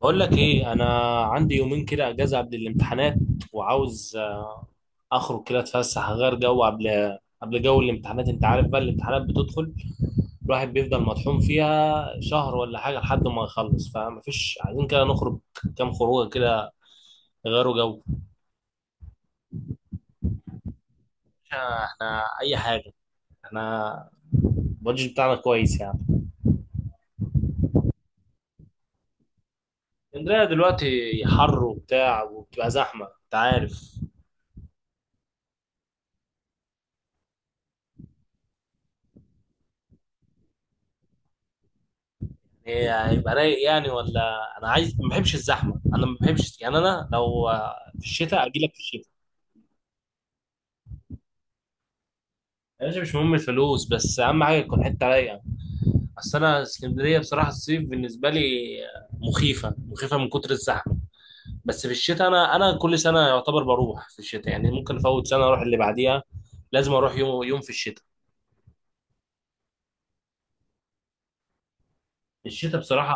بقول لك ايه. انا عندي يومين كده اجازه قبل الامتحانات، وعاوز اخرج كده اتفسح اغير جو قبل جو الامتحانات. انت عارف بقى الامتحانات بتدخل الواحد بيفضل مطحون فيها شهر ولا حاجه لحد ما يخلص، فمفيش عايزين كده نخرج كام خروجه كده يغيروا جو. احنا اي حاجه، احنا البادجت بتاعنا كويس يعني. اسكندريه دلوقتي حر وبتاع، وبتبقى زحمه انت عارف. هيبقى رايق يعني ولا انا عايز؟ ما بحبش الزحمه، انا ما بحبش يعني، انا لو في الشتاء اجي لك في الشتاء. يا باشا مش مهم الفلوس، بس اهم حاجه تكون حته رايقه. اصل انا اسكندريه بصراحه الصيف بالنسبه لي مخيفه، مخيفه من كتر الزحمه. بس في الشتاء انا كل سنه يعتبر بروح في الشتاء، يعني ممكن افوت سنه اروح اللي بعديها. لازم اروح يوم يوم في الشتاء، الشتاء بصراحه.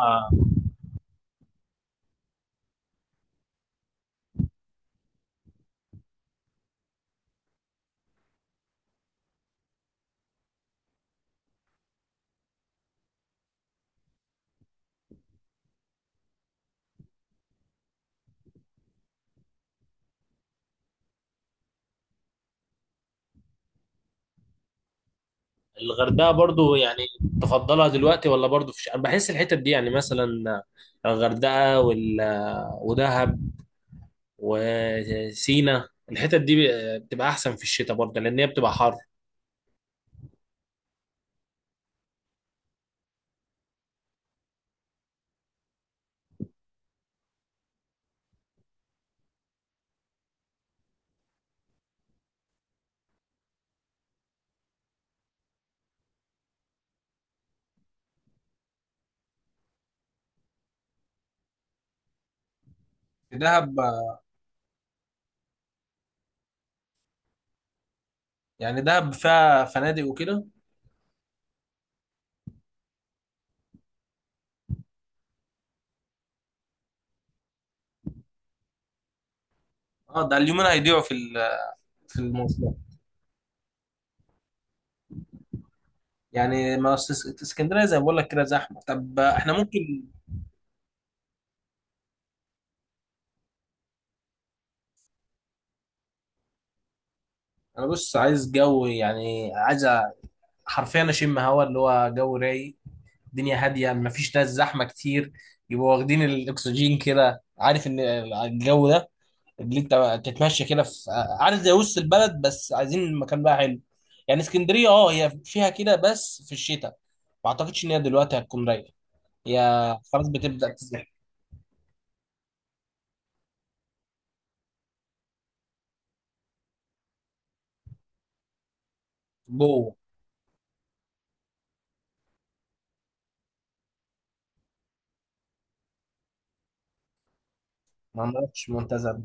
الغردقه برضو يعني تفضلها دلوقتي ولا برضو في الشتاء؟ انا بحس الحتت دي يعني مثلا الغردقه ودهب وسينا الحتت دي بتبقى احسن في الشتاء برضه، لان هي بتبقى حر. دهب. يعني دهب فيها فنادق وكده؟ اه، ده اليومين هيضيعوا في المواصلات. يعني ما أصل اسكندريه زي ما بقول لك كده زحمه، طب احنا ممكن. انا بص، عايز جو، يعني عايز حرفيا اشم هوا اللي هو جو رايق، الدنيا هاديه ما فيش ناس زحمه كتير، يبقوا واخدين الاكسجين كده، عارف ان الجو ده اللي انت بقى تتمشى كده في عارف زي وسط البلد، بس عايزين المكان بقى حلو. يعني اسكندريه اه هي فيها كده، بس في الشتاء، ما اعتقدش ان هي دلوقتي هتكون رايقه. هي خلاص بتبدا تزحف. جوه. ما عملتش منتزه.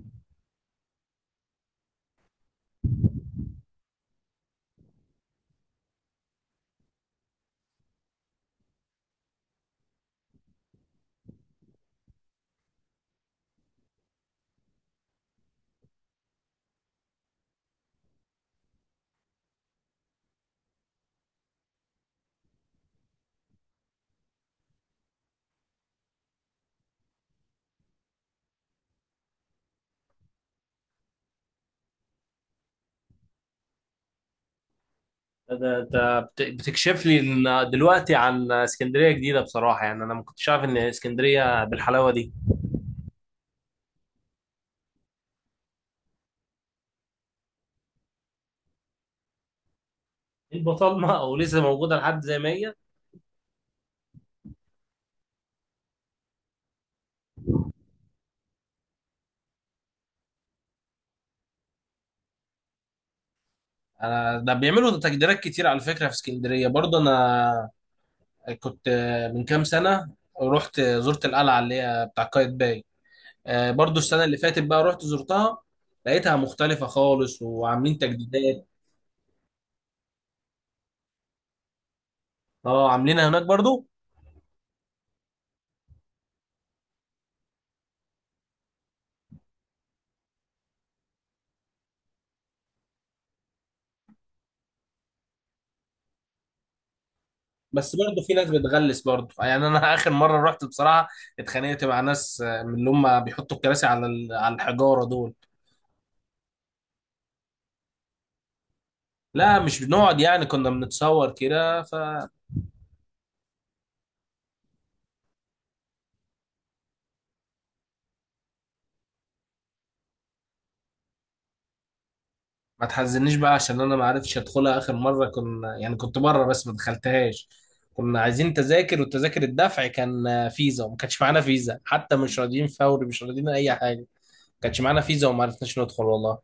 ده بتكشف لي إن دلوقتي عن اسكندريه جديده بصراحه، يعني انا ما كنتش عارف ان اسكندريه بالحلاوه دي. البطالمه او لسه موجوده لحد زي ما هي. انا ده بيعملوا تجديدات كتير على فكره في اسكندريه برضه. انا كنت من كام سنة رحت زرت القلعة اللي هي بتاع قايتباي، برضو السنة اللي فاتت بقى رحت زرتها، لقيتها مختلفة خالص وعاملين تجديدات. اه، عاملينها هناك برضو. بس برضو في ناس بتغلس برضو، يعني انا اخر مرة رحت بصراحة اتخانقت مع ناس من اللي هم بيحطوا الكراسي على الحجارة دول. لا مش بنقعد، يعني كنا بنتصور كده ف. ما تحزنيش بقى، عشان انا ما عرفتش ادخلها اخر مره، كنا يعني كنت بره بس ما دخلتهاش، كنا عايزين تذاكر، وتذاكر الدفع كان فيزا، وما كانش معانا فيزا، حتى مش راضيين فوري، مش راضيين اي حاجه، ما كانش معانا فيزا وما عرفناش ندخل والله.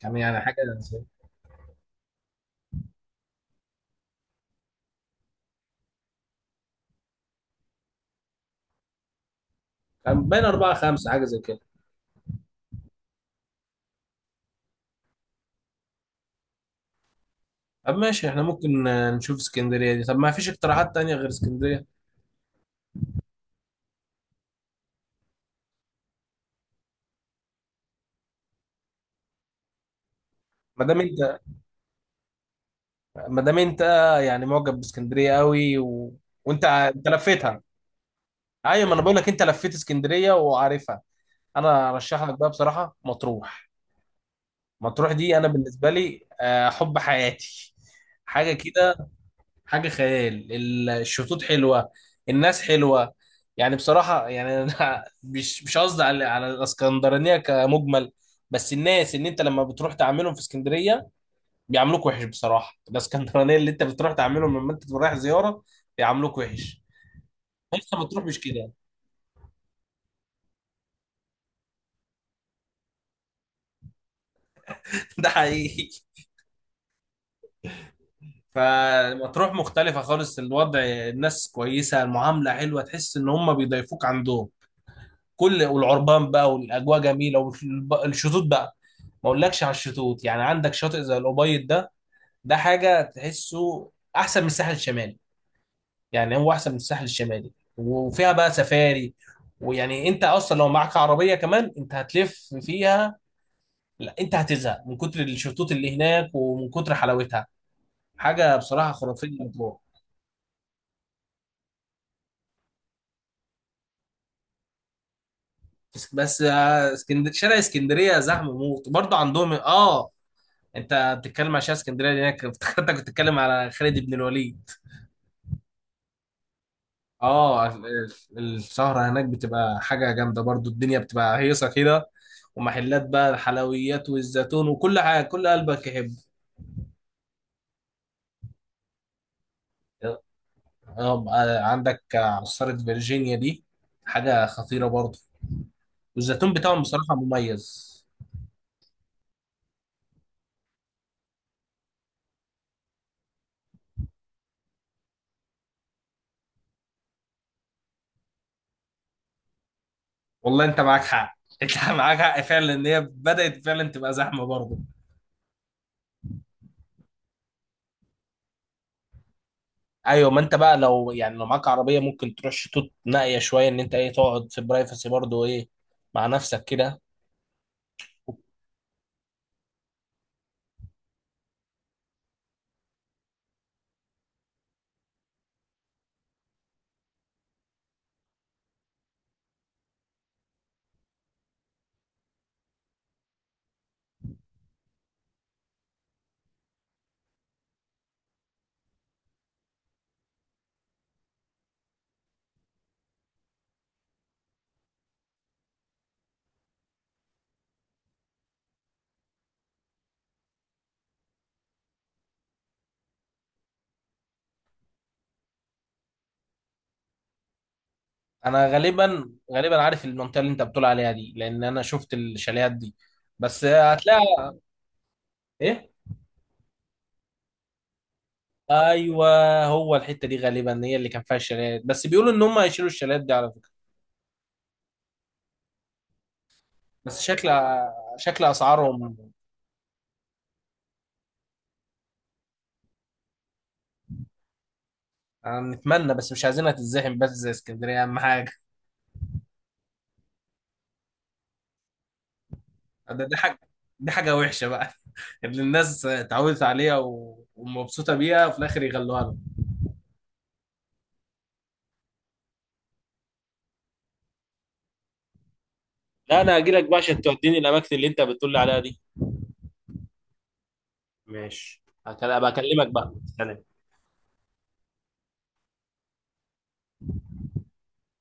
كان يعني حاجه، كان بين اربعه خمسه حاجه زي كده. طب ماشي، احنا ممكن نشوف اسكندريه دي. طب ما فيش اقتراحات تانية غير اسكندريه؟ ما دام انت ما دام انت يعني معجب باسكندريه قوي، وانت لفيتها. ايوه، ما انا بقول لك انت لفيت اسكندريه وعارفها. انا ارشح لك بقى بصراحه مطروح. مطروح دي انا بالنسبه لي حب حياتي، حاجه كده، حاجه خيال، الشطوط حلوه، الناس حلوه. يعني بصراحه يعني انا مش قصدي على الاسكندرانيه كمجمل، بس الناس ان انت لما بتروح تعاملهم في اسكندريه بيعاملوك وحش بصراحه، الاسكندرانيه اللي انت بتروح تعاملهم لما انت رايح زياره بيعاملوك وحش، بس بتروح مش كده. ده حقيقي. فمطروح مختلفة خالص الوضع، الناس كويسة، المعاملة حلوة، تحس إن هم بيضيفوك عندهم كل، والعربان بقى والأجواء جميلة، والشطوط بقى ما أقولكش على الشطوط، يعني عندك شاطئ زي الأبيض ده، ده حاجة تحسه أحسن من الساحل الشمالي، يعني هو أحسن من الساحل الشمالي. وفيها بقى سفاري، ويعني انت اصلا لو معاك عربيه كمان انت هتلف فيها، لا انت هتزهق من كتر الشطوط اللي هناك، ومن كتر حلاوتها، حاجه بصراحه خرافيه. بس بس آه، اسكندر، شارع اسكندريه زحمه موت برضه عندهم، اه. انت بتتكلم على شارع اسكندريه هناك، افتكرتك بتتكلم على خالد بن الوليد. اه، السهره هناك بتبقى حاجه جامده برضه، الدنيا بتبقى هيصه كده، ومحلات بقى الحلويات والزيتون وكل حاجه كل قلبك يحب. اه بقى عندك عصاره فيرجينيا دي حاجه خطيره برضه، والزيتون بتاعهم بصراحه مميز. والله انت معاك حق، انت معاك حق فعلا، ان هي بدات فعلا تبقى زحمه برضه. ايوه، ما انت بقى لو يعني لو معاك عربيه ممكن تروح شطوط نائيه شويه، ان انت ايه تقعد في برايفسي برضو ايه، مع نفسك كده. انا غالبا عارف المنطقه اللي انت بتقول عليها دي، لان انا شفت الشاليهات دي. بس هتلاقي ايه. ايوه، هو الحته دي غالبا هي اللي كان فيها الشاليهات، بس بيقولوا ان هم هيشيلوا الشاليهات دي على فكره. بس شكل اسعارهم. أنا نتمنى بس مش عايزينها تتزحم بس زي اسكندريه، اهم حاجه. ده دي حاجة دي حاجة وحشة بقى، اللي الناس اتعودت عليها ومبسوطة بيها، وفي الآخر يغلوها لهم. لا انا هاجي لك بقى عشان توديني الاماكن اللي انت بتقول لي عليها دي. ماشي، هبقى اكلمك بقى، سلام.